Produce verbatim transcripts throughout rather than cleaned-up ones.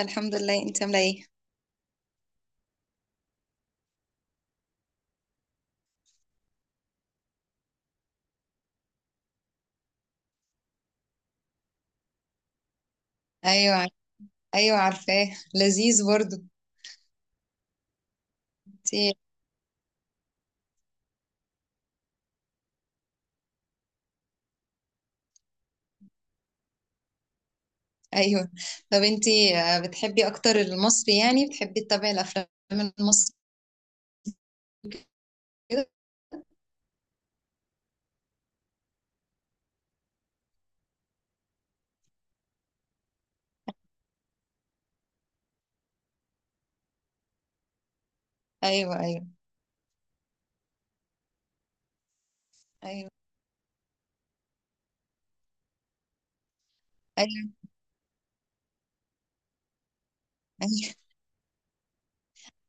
الحمد لله. انت عامله ايه؟ ايوه عار- ايوه عارفاه. لذيذ برضو. انتي ايوه. طب انتي، آه، بتحبي اكتر المصري؟ يعني بتحبي تتابعي الافلام المصري كده؟ ايوه، ايوه، ايوه، ايوه، ايوه،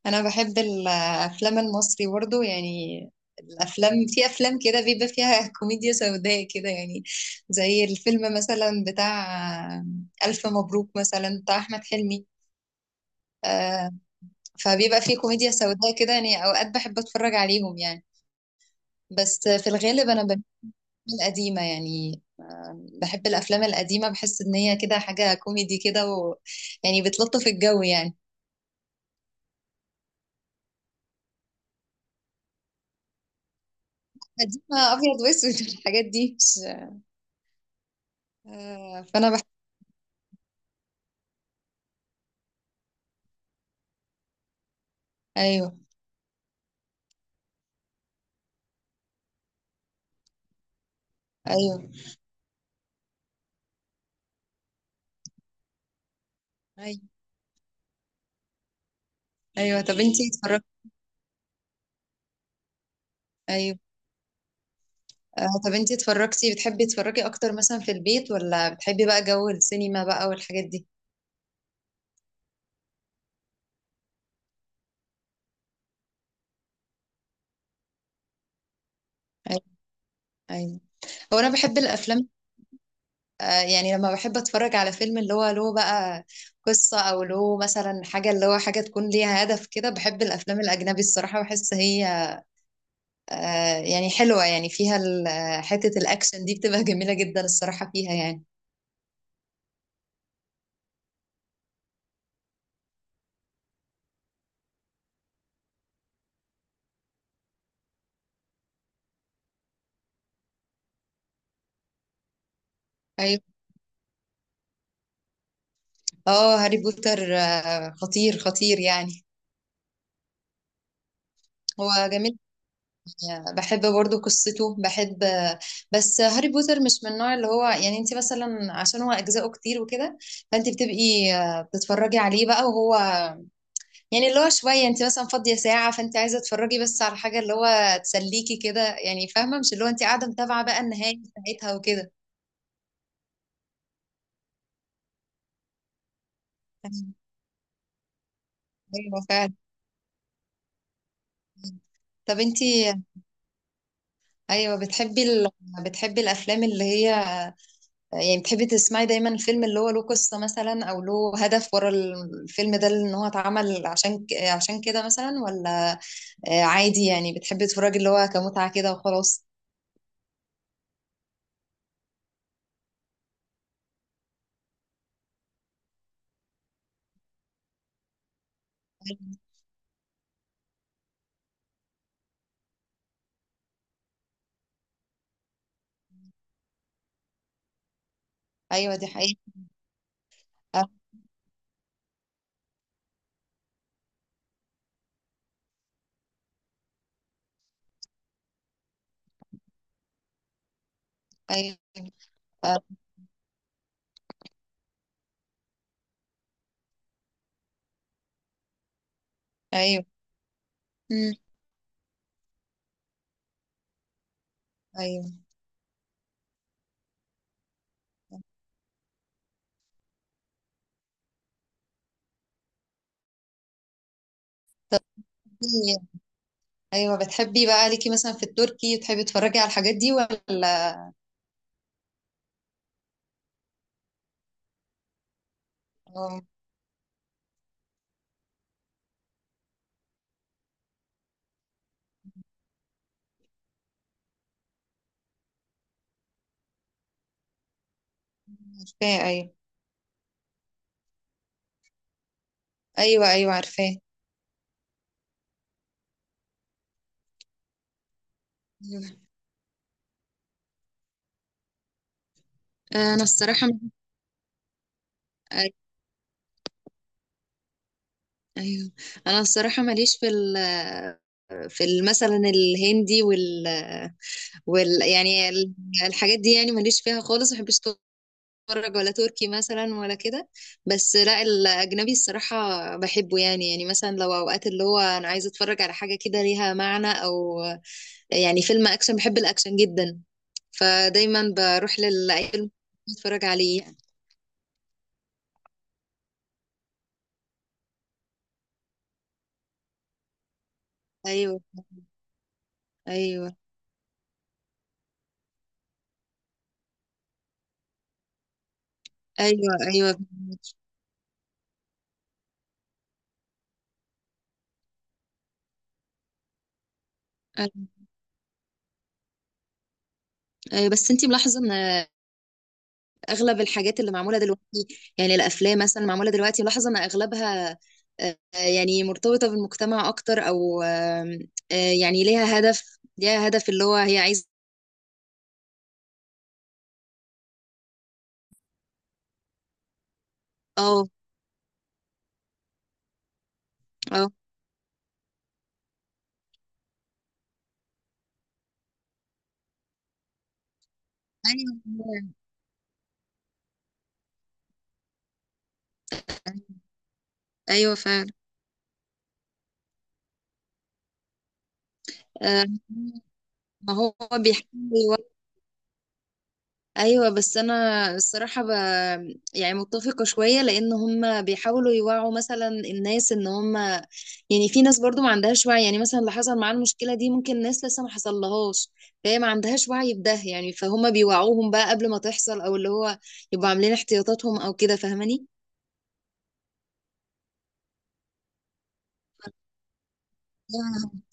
انا بحب الافلام المصري برضو يعني. الافلام في افلام كده بيبقى فيها كوميديا سوداء كده يعني، زي الفيلم مثلا بتاع، آه، الف مبروك مثلا بتاع احمد حلمي. آه، فبيبقى فيه كوميديا سوداء كده يعني، اوقات بحب اتفرج عليهم يعني. بس في الغالب انا بميل القديمه يعني، بحب الافلام القديمه، بحس ان هي كده حاجه كوميدي كده، و، يعني بتلطف الجو يعني. قديمه ابيض واسود، الحاجات دي، مش، آه، فانا بحب. ايوه، ايوه، ايوه، ايوه، طب انتي اتفرجتي؟ ايوه. آه، طب انتي اتفرجتي بتحبي تتفرجي اكتر مثلا في البيت، ولا بتحبي بقى جو السينما بقى والحاجات دي؟ ايوه، ايوه. هو انا بحب الافلام، آه، يعني لما بحب اتفرج على فيلم اللي هو له بقى قصة، او له مثلا حاجة، اللي هو حاجة تكون ليها هدف كده. بحب الافلام الاجنبي الصراحة، بحس هي آه، يعني حلوة يعني، فيها ال- آه، حتة الاكشن دي بتبقى جميلة جدا الصراحة فيها يعني. ايوه. اه، هاري بوتر آه، خطير خطير يعني. هو جميل، يعني بحب برضو قصته، بحب آه، بس هاري بوتر مش من النوع اللي هو، يعني انت مثلا عشان هو اجزاءه كتير وكده، فانت بتبقي آه، بتتفرجي عليه بقى، وهو يعني اللي هو شوية، انت مثلا فاضية ساعة، فانت عايزة تتفرجي بس على حاجة اللي هو تسليكي كده يعني، فاهمة؟ مش اللي هو انت قاعدة متابعة بقى النهاية بتاعتها وكده. ايوه فعلا. طب انت، ايوه بتحبي ال... بتحبي الافلام اللي هي، يعني بتحبي تسمعي دايما الفيلم اللي هو له قصة مثلا، او له هدف ورا الفيلم ده، ان هو اتعمل عشان ك- عشان كده مثلا، ولا آه، عادي يعني بتحبي تتفرجي اللي هو كمتعة كده وخلاص؟ ايوه دي حقيقة. آه، ايوه. آه، ايوه. مم، ايوه. إيه، ايوه، بتحبي بقى ليكي مثلا في التركي، تحبي تتفرجي على الحاجات دي ولا؟ آه، عارفاه، ايوه، ايوه، ايوه عارفاه. أيوة. انا الصراحه أي- ايوه انا الصراحه ماليش في ال، في ال- مثلا الهندي، وال, وال، يعني ال- الحاجات دي، يعني ماليش فيها خالص، ما بحبش اتفرج، ولا تركي مثلا، ولا كده. بس لا، الاجنبي الصراحه بحبه يعني يعني مثلا لو اوقات اللي هو انا عايزه اتفرج على حاجه كده ليها معنى، او يعني فيلم اكشن، بحب الاكشن جدا، فدايما بروح لأي فيلم اتفرج عليه يعني. ايوه، ايوه، ايوه، ايوه، أيوة. بس انتي ملاحظه ان اغلب الحاجات اللي معموله دلوقتي، يعني الافلام مثلا معموله دلوقتي، ملاحظه ان اغلبها آه، يعني مرتبطه بالمجتمع اكتر، او آم، آه، يعني ليها هدف، ليها هدف اللي هو هي عايزه. اه، اه، ايوه، ايوه، أيوه فعلا. آه، ما هو بيحاول. ايوه بس انا الصراحه ب... يعني متفقه شويه، لان هم بيحاولوا يوعوا مثلا الناس ان هم، يعني في ناس برضو ما عندهاش وعي، يعني مثلا اللي حصل معاه المشكله دي، ممكن ناس لسه ما حصلهاش، فهي ما عندهاش وعي بده يعني، فهم بيوعوهم بقى قبل ما تحصل، او اللي هو يبقوا عاملين احتياطاتهم او كده، فاهماني؟ آه.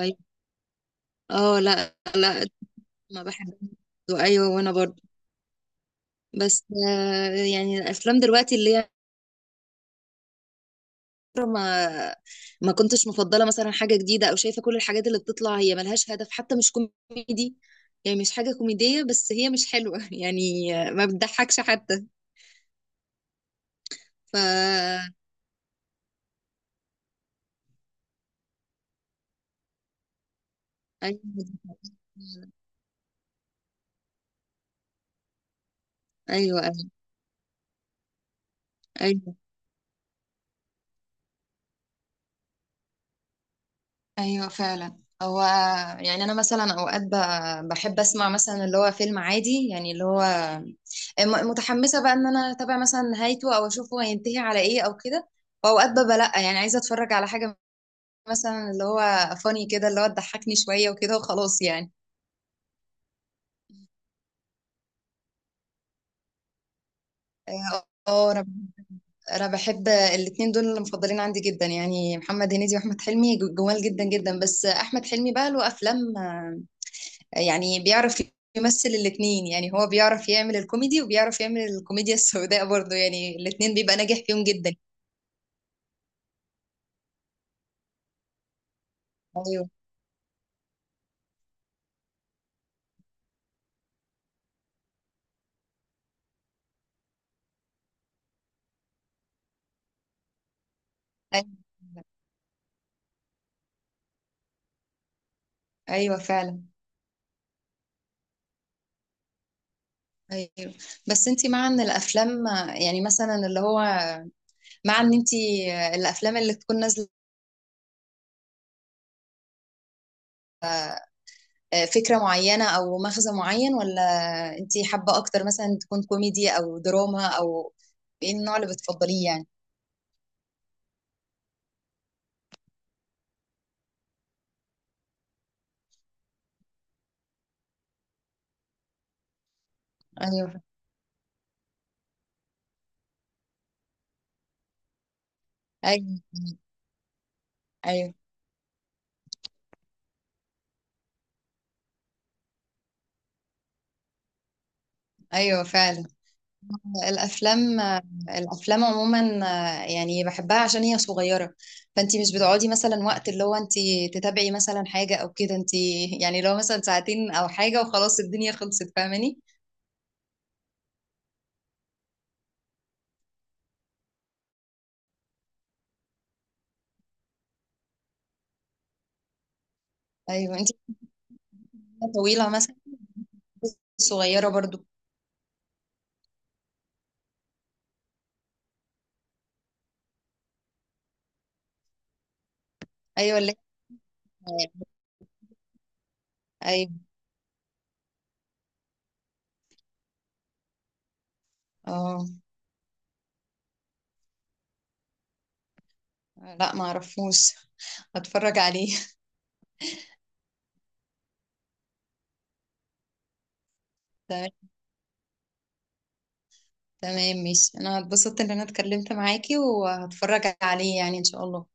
ايوه، اه، لا، لا، ما بحبش. ايوه وانا برضو. بس آه، يعني الافلام دلوقتي اللي هي، ما ما كنتش مفضله مثلا حاجه جديده، او شايفه كل الحاجات اللي بتطلع هي ملهاش هدف، حتى مش كوميدي، يعني مش حاجه كوميديه، بس هي مش حلوه، يعني ما بتضحكش حتى. ف ايوه، ايوه، ايوه، ايوه، ايوه فعلا. هو يعني انا مثلا اوقات ب- بحب اسمع مثلا اللي هو فيلم عادي يعني، اللي هو م- متحمسه بقى ان انا اتابع مثلا نهايته، او اشوفه هينتهي على ايه او كده. واوقات ببقى لا، يعني عايزه اتفرج على حاجه مثلا اللي هو فاني كده، اللي هو تضحكني شوية وكده وخلاص يعني. اه، آه، انا انا بحب الاتنين دول، اللي مفضلين عندي جدا يعني، محمد هنيدي واحمد حلمي، جو- جمال جدا جدا. بس احمد حلمي بقى له افلام، آه، يعني بيعرف يمثل الاتنين يعني. هو بيعرف يعمل الكوميدي، وبيعرف يعمل الكوميديا السوداء برضه، يعني الاتنين بيبقى ناجح فيهم جدا. ايوه، ايوه، ايوه فعلا، ايوه. بس انت، مع ان الافلام، آه، يعني مثلا اللي هو، مع ان انت، آه، الافلام اللي تكون نازله آه، فكرة معينة أو مغزى معين، ولا أنتي حابة أكتر مثلا تكون كوميدي أو دراما، أو إيه النوع اللي بتفضليه يعني؟ أيوه، أيوه، أيوه، أيوه فعلا. الأفلام، الأفلام عموما، آه، يعني بحبها عشان هي صغيرة، فأنتي مش بتقعدي مثلا وقت اللي هو أنتي تتابعي مثلا حاجة أو كده. أنتي يعني لو مثلا ساعتين أو حاجة وخلاص الدنيا خلصت، فاهماني؟ أيوه أنتي، طويلة مثلا، صغيرة برضو. أيوه اللي هي- أيوه، اه، لا ما اعرفوش، هتفرج عليه. تمام ماشي، انا اتبسطت ان انا اتكلمت معاكي، وهتفرج عليه يعني ان شاء الله.